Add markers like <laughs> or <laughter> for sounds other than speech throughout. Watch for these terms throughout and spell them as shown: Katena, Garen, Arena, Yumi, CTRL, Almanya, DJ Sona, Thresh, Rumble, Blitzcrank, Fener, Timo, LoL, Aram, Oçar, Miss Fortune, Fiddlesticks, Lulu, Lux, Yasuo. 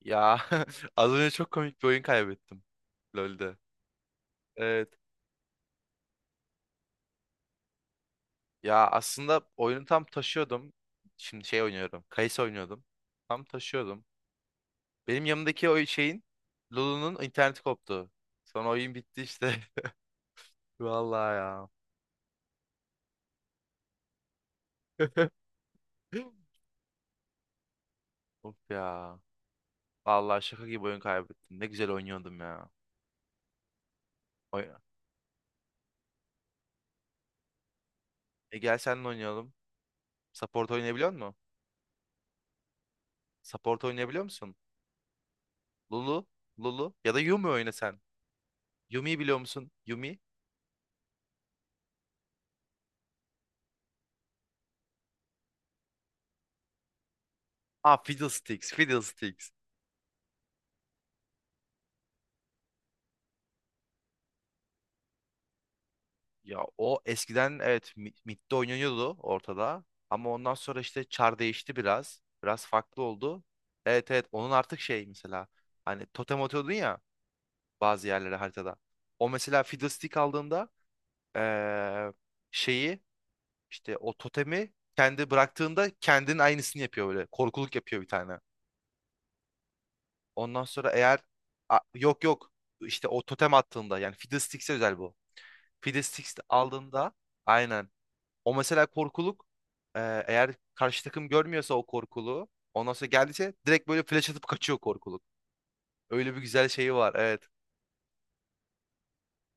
Ya <laughs> az önce çok komik bir oyun kaybettim LoL'de. Evet. Ya aslında oyunu tam taşıyordum. Şimdi şey oynuyorum. Kayısı oynuyordum. Tam taşıyordum. Benim yanımdaki o şeyin Lulu'nun interneti koptu. Sonra oyun bitti işte. <laughs> Vallahi ya. <laughs> Of ya. Vallahi şaka gibi oyun kaybettim. Ne güzel oynuyordum ya. Oy e gel seninle oynayalım. Support oynayabiliyor musun? Support oynayabiliyor musun? Lulu, Lulu ya da Yumi oyna sen. Yumi'yi biliyor musun? Yumi. Aa Fiddlesticks, Fiddlesticks. Ya o eskiden evet midde oynanıyordu ortada. Ama ondan sonra işte çar değişti biraz. Biraz farklı oldu. Evet evet onun artık şey mesela. Hani totem atıyordun ya bazı yerlere haritada. O mesela Fiddlestick aldığında eee, şeyi işte o totemi kendi bıraktığında kendinin aynısını yapıyor böyle. Korkuluk yapıyor bir tane. Ondan sonra eğer yok yok işte o totem attığında yani Fiddlesticks'e özel bu. Fiddlesticks aldığında aynen. O mesela korkuluk e, eğer karşı takım görmüyorsa o korkuluğu ondan sonra geldiyse direkt böyle flash atıp kaçıyor korkuluk. Öyle bir güzel şeyi var evet.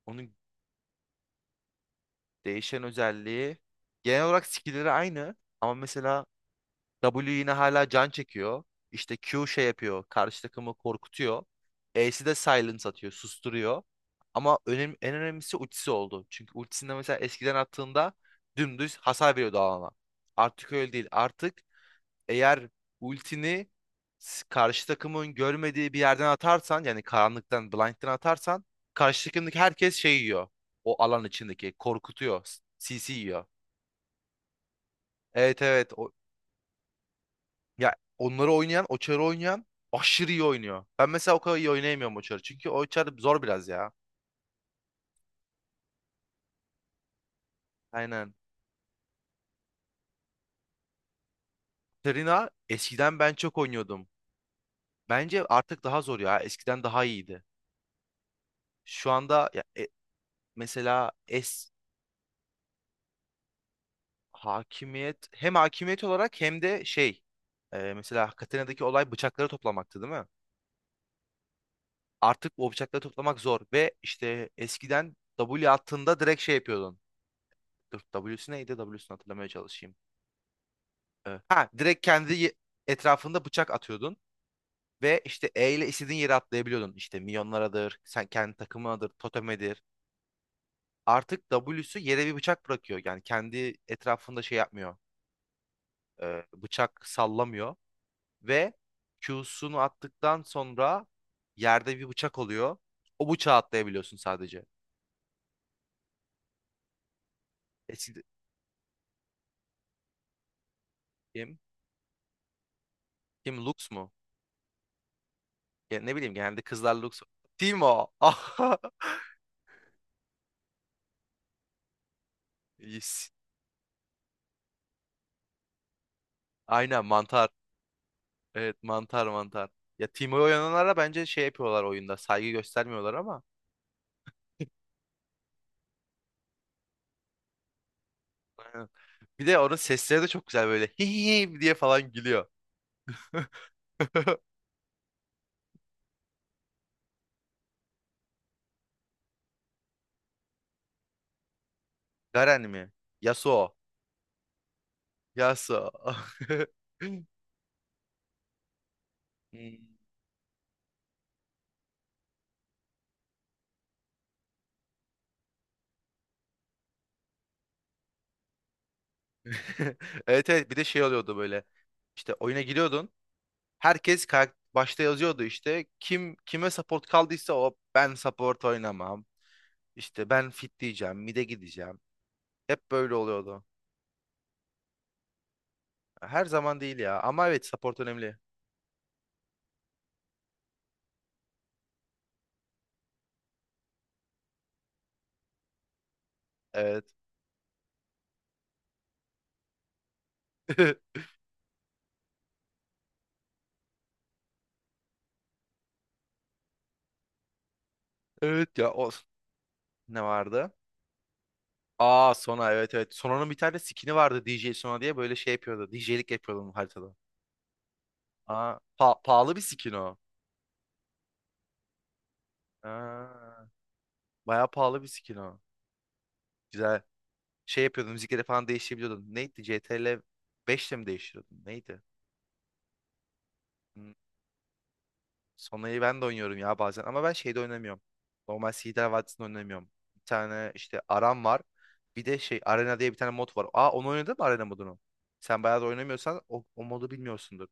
Onun değişen özelliği genel olarak skill'leri aynı ama mesela W yine hala can çekiyor. İşte Q şey yapıyor. Karşı takımı korkutuyor. E'si de silence atıyor. Susturuyor. Ama en önemlisi ultisi oldu. Çünkü ultisinde mesela eskiden attığında dümdüz hasar veriyordu alana. Artık öyle değil. Artık eğer ultini karşı takımın görmediği bir yerden atarsan yani karanlıktan, blind'den atarsan karşı takımdaki herkes şey yiyor. O alan içindeki korkutuyor. CC yiyor. Evet evet. Ya onları oynayan, Oçar'ı oynayan aşırı iyi oynuyor. Ben mesela o kadar iyi oynayamıyorum Oçar'ı. Çünkü Oçar zor biraz ya. Aynen. Serena eskiden ben çok oynuyordum. Bence artık daha zor ya. Eskiden daha iyiydi. Şu anda ya, mesela hem hakimiyet olarak hem de şey mesela Katena'daki olay bıçakları toplamaktı değil mi? Artık o bıçakları toplamak zor ve işte eskiden W attığında direkt şey yapıyordun. Dur W'si neydi? W'sini hatırlamaya çalışayım. Evet. Ha direkt kendi etrafında bıçak atıyordun ve işte E ile istediğin yere atlayabiliyordun. İşte milyonlaradır, sen kendi takımınadır, totemedir. Artık W'su yere bir bıçak bırakıyor. Yani kendi etrafında şey yapmıyor. Bıçak sallamıyor ve Q'sunu attıktan sonra yerde bir bıçak oluyor. O bıçağı atlayabiliyorsun sadece. Eski kim? Kim Lux mu? Ya ne bileyim genelde kızlar Lux. Timo. <laughs> Yes. Aynen mantar. Evet mantar mantar. Ya Timo'yu oynananlara bence şey yapıyorlar oyunda. Saygı göstermiyorlar ama. Aynen. Bir de onun sesleri de çok güzel böyle. <laughs> hihi diye falan gülüyor. <laughs> Garen mi? Yasuo. Yasuo. <laughs> Hmm. <laughs> Evet evet bir de şey oluyordu böyle. İşte oyuna giriyordun. Herkes başta yazıyordu işte. Kim kime support kaldıysa o ben support oynamam. İşte ben fit diyeceğim, mid'e gideceğim. Hep böyle oluyordu. Her zaman değil ya. Ama evet support önemli. Evet. <laughs> Evet ya o ne vardı? Aa Sona evet evet. Sona'nın bir tane skin'i vardı D J Sona diye böyle şey yapıyordu. DJ'lik yapıyordu haritada. Aa pahalı bir skin o. Aa, bayağı pahalı bir skin o. Güzel. Şey yapıyordun müzikleri falan değiştirebiliyordun. Neydi? CTRL 5'le mi değiştiriyordun? Neydi? Hmm. Sonra'yı ben de oynuyorum ya bazen ama ben şeyde oynamıyorum. Normal Sider Vadisi'nde oynamıyorum. Bir tane işte Aram var. Bir de şey Arena diye bir tane mod var. Aa onu oynadın mı Arena modunu? Sen bayağı da oynamıyorsan o modu bilmiyorsundur.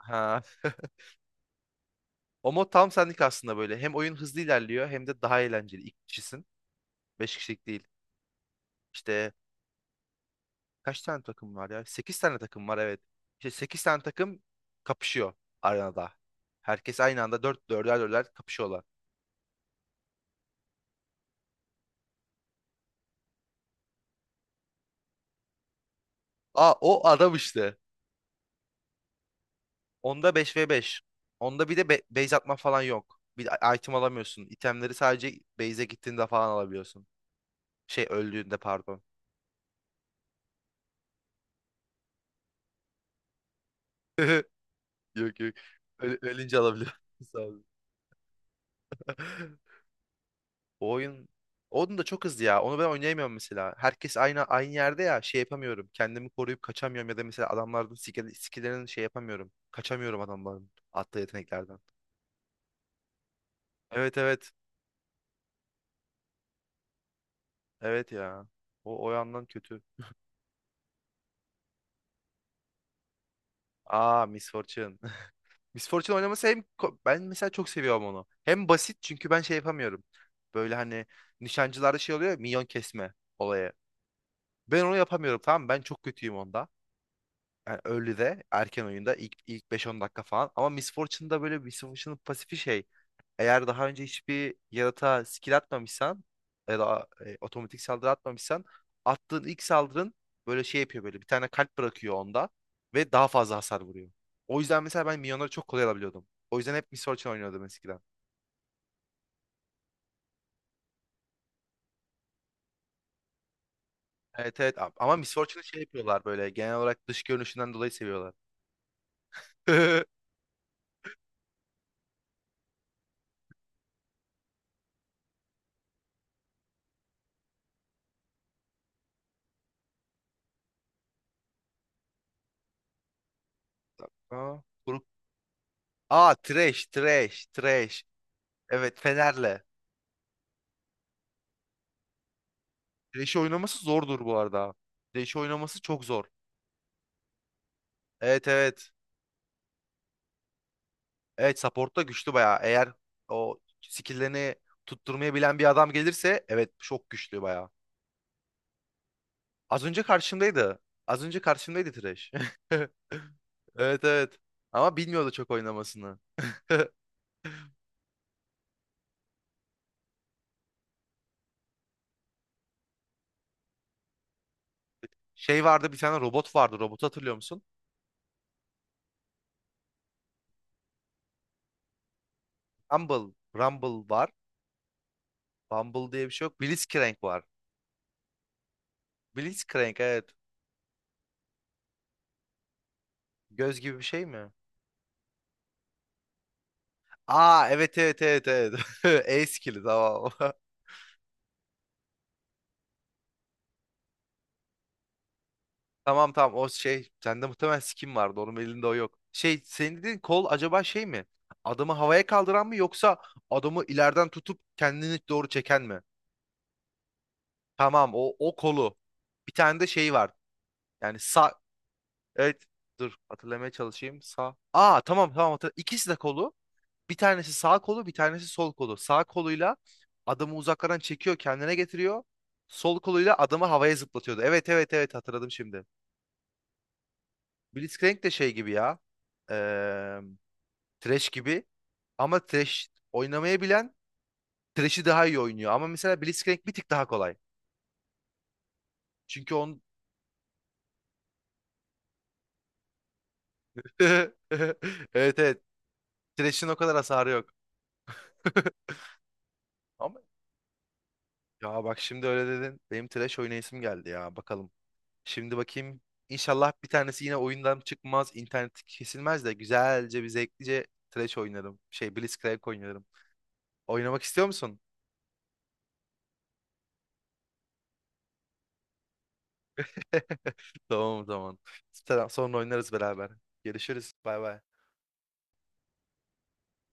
Ha. <laughs> O mod tam senlik aslında böyle. Hem oyun hızlı ilerliyor hem de daha eğlenceli. İki kişisin. Beş kişilik değil. İşte kaç tane takım var ya? Sekiz tane takım var evet. İşte sekiz tane takım kapışıyor arenada. Herkes aynı anda dörder dörder kapışıyorlar. Aa o adam işte. Onda beş ve beş. Onda bir de base atma falan yok. Bir de item alamıyorsun. İtemleri sadece base'e gittiğinde falan alabiliyorsun. Şey öldüğünde pardon. <laughs> Yok yok. Ölünce alabiliyorsun. <laughs> Sağ ol. <laughs> O oyun onun da çok hızlı ya. Onu ben oynayamıyorum mesela. Herkes aynı yerde ya şey yapamıyorum. Kendimi koruyup kaçamıyorum ya da mesela adamların skill'lerini şey yapamıyorum. Kaçamıyorum adamların attığı yeteneklerden. Evet evet. Evet ya. O yandan kötü. Aa Miss Fortune. Miss Fortune oynaması hem ben mesela çok seviyorum onu. Hem basit çünkü ben şey yapamıyorum. Böyle hani nişancılarda şey oluyor ya, minyon kesme olayı. Ben onu yapamıyorum tamam mı? Ben çok kötüyüm onda. Yani early'de erken oyunda ilk 5-10 dakika falan. Ama Miss Fortune'da böyle Miss Fortune'ın pasifi şey. Eğer daha önce hiçbir yaratığa skill atmamışsan ya da otomatik saldırı atmamışsan attığın ilk saldırın böyle şey yapıyor böyle bir tane kalp bırakıyor onda ve daha fazla hasar vuruyor. O yüzden mesela ben minyonları çok kolay alabiliyordum. O yüzden hep Miss Fortune oynuyordum eskiden. Evet evet ama Miss Fortune'ı şey yapıyorlar böyle genel olarak dış görünüşünden dolayı seviyorlar. <laughs> Aa, grup. Aa Thresh, Thresh, Thresh. Evet Fener'le. Thresh'i oynaması zordur bu arada. Thresh'i oynaması çok zor. Evet evet. Evet supportta güçlü bayağı. Eğer o skill'lerini tutturmayı bilen bir adam gelirse evet çok güçlü bayağı. Az önce karşımdaydı. Az önce karşımdaydı Thresh. <laughs> Evet evet. Ama bilmiyordu çok oynamasını. <laughs> Şey vardı bir tane robot vardı. Robotu hatırlıyor musun? Rumble. Rumble var. Bumble diye bir şey yok. Blitzcrank var. Blitzcrank evet. Göz gibi bir şey mi? Aa evet evet evet evet. <laughs> E skill'i tamam. <laughs> Tamam tamam o şey sende muhtemelen skin vardı onun elinde o yok. Şey senin dediğin kol acaba şey mi? Adamı havaya kaldıran mı yoksa adamı ileriden tutup kendini doğru çeken mi? Tamam o kolu. Bir tane de şey var. Yani sağ evet dur hatırlamaya çalışayım. Sağ. Aa tamam tamam hatırladım. İkisi de kolu. Bir tanesi sağ kolu bir tanesi sol kolu. Sağ koluyla adamı uzaklardan çekiyor kendine getiriyor. Sol koluyla adamı havaya zıplatıyordu. Evet evet evet hatırladım şimdi. Blitzcrank de şey gibi ya. Eee Thresh gibi. Ama Thresh oynamayı bilen Thresh'i daha iyi oynuyor. Ama mesela Blitzcrank bir tık daha kolay. Çünkü onun... <laughs> Evet evet. Thresh'in o kadar hasarı yok. <laughs> Ama ya bak şimdi öyle dedin. Benim Thresh oynayasım geldi ya. Bakalım. Şimdi bakayım. İnşallah bir tanesi yine oyundan çıkmaz. İnternet kesilmez de güzelce bir zevklice Thresh oynarım. Şey Blitzcrank oynarım. Oynamak istiyor musun? <laughs> Tamam o zaman. Sonra oynarız beraber. Görüşürüz. Bay bay.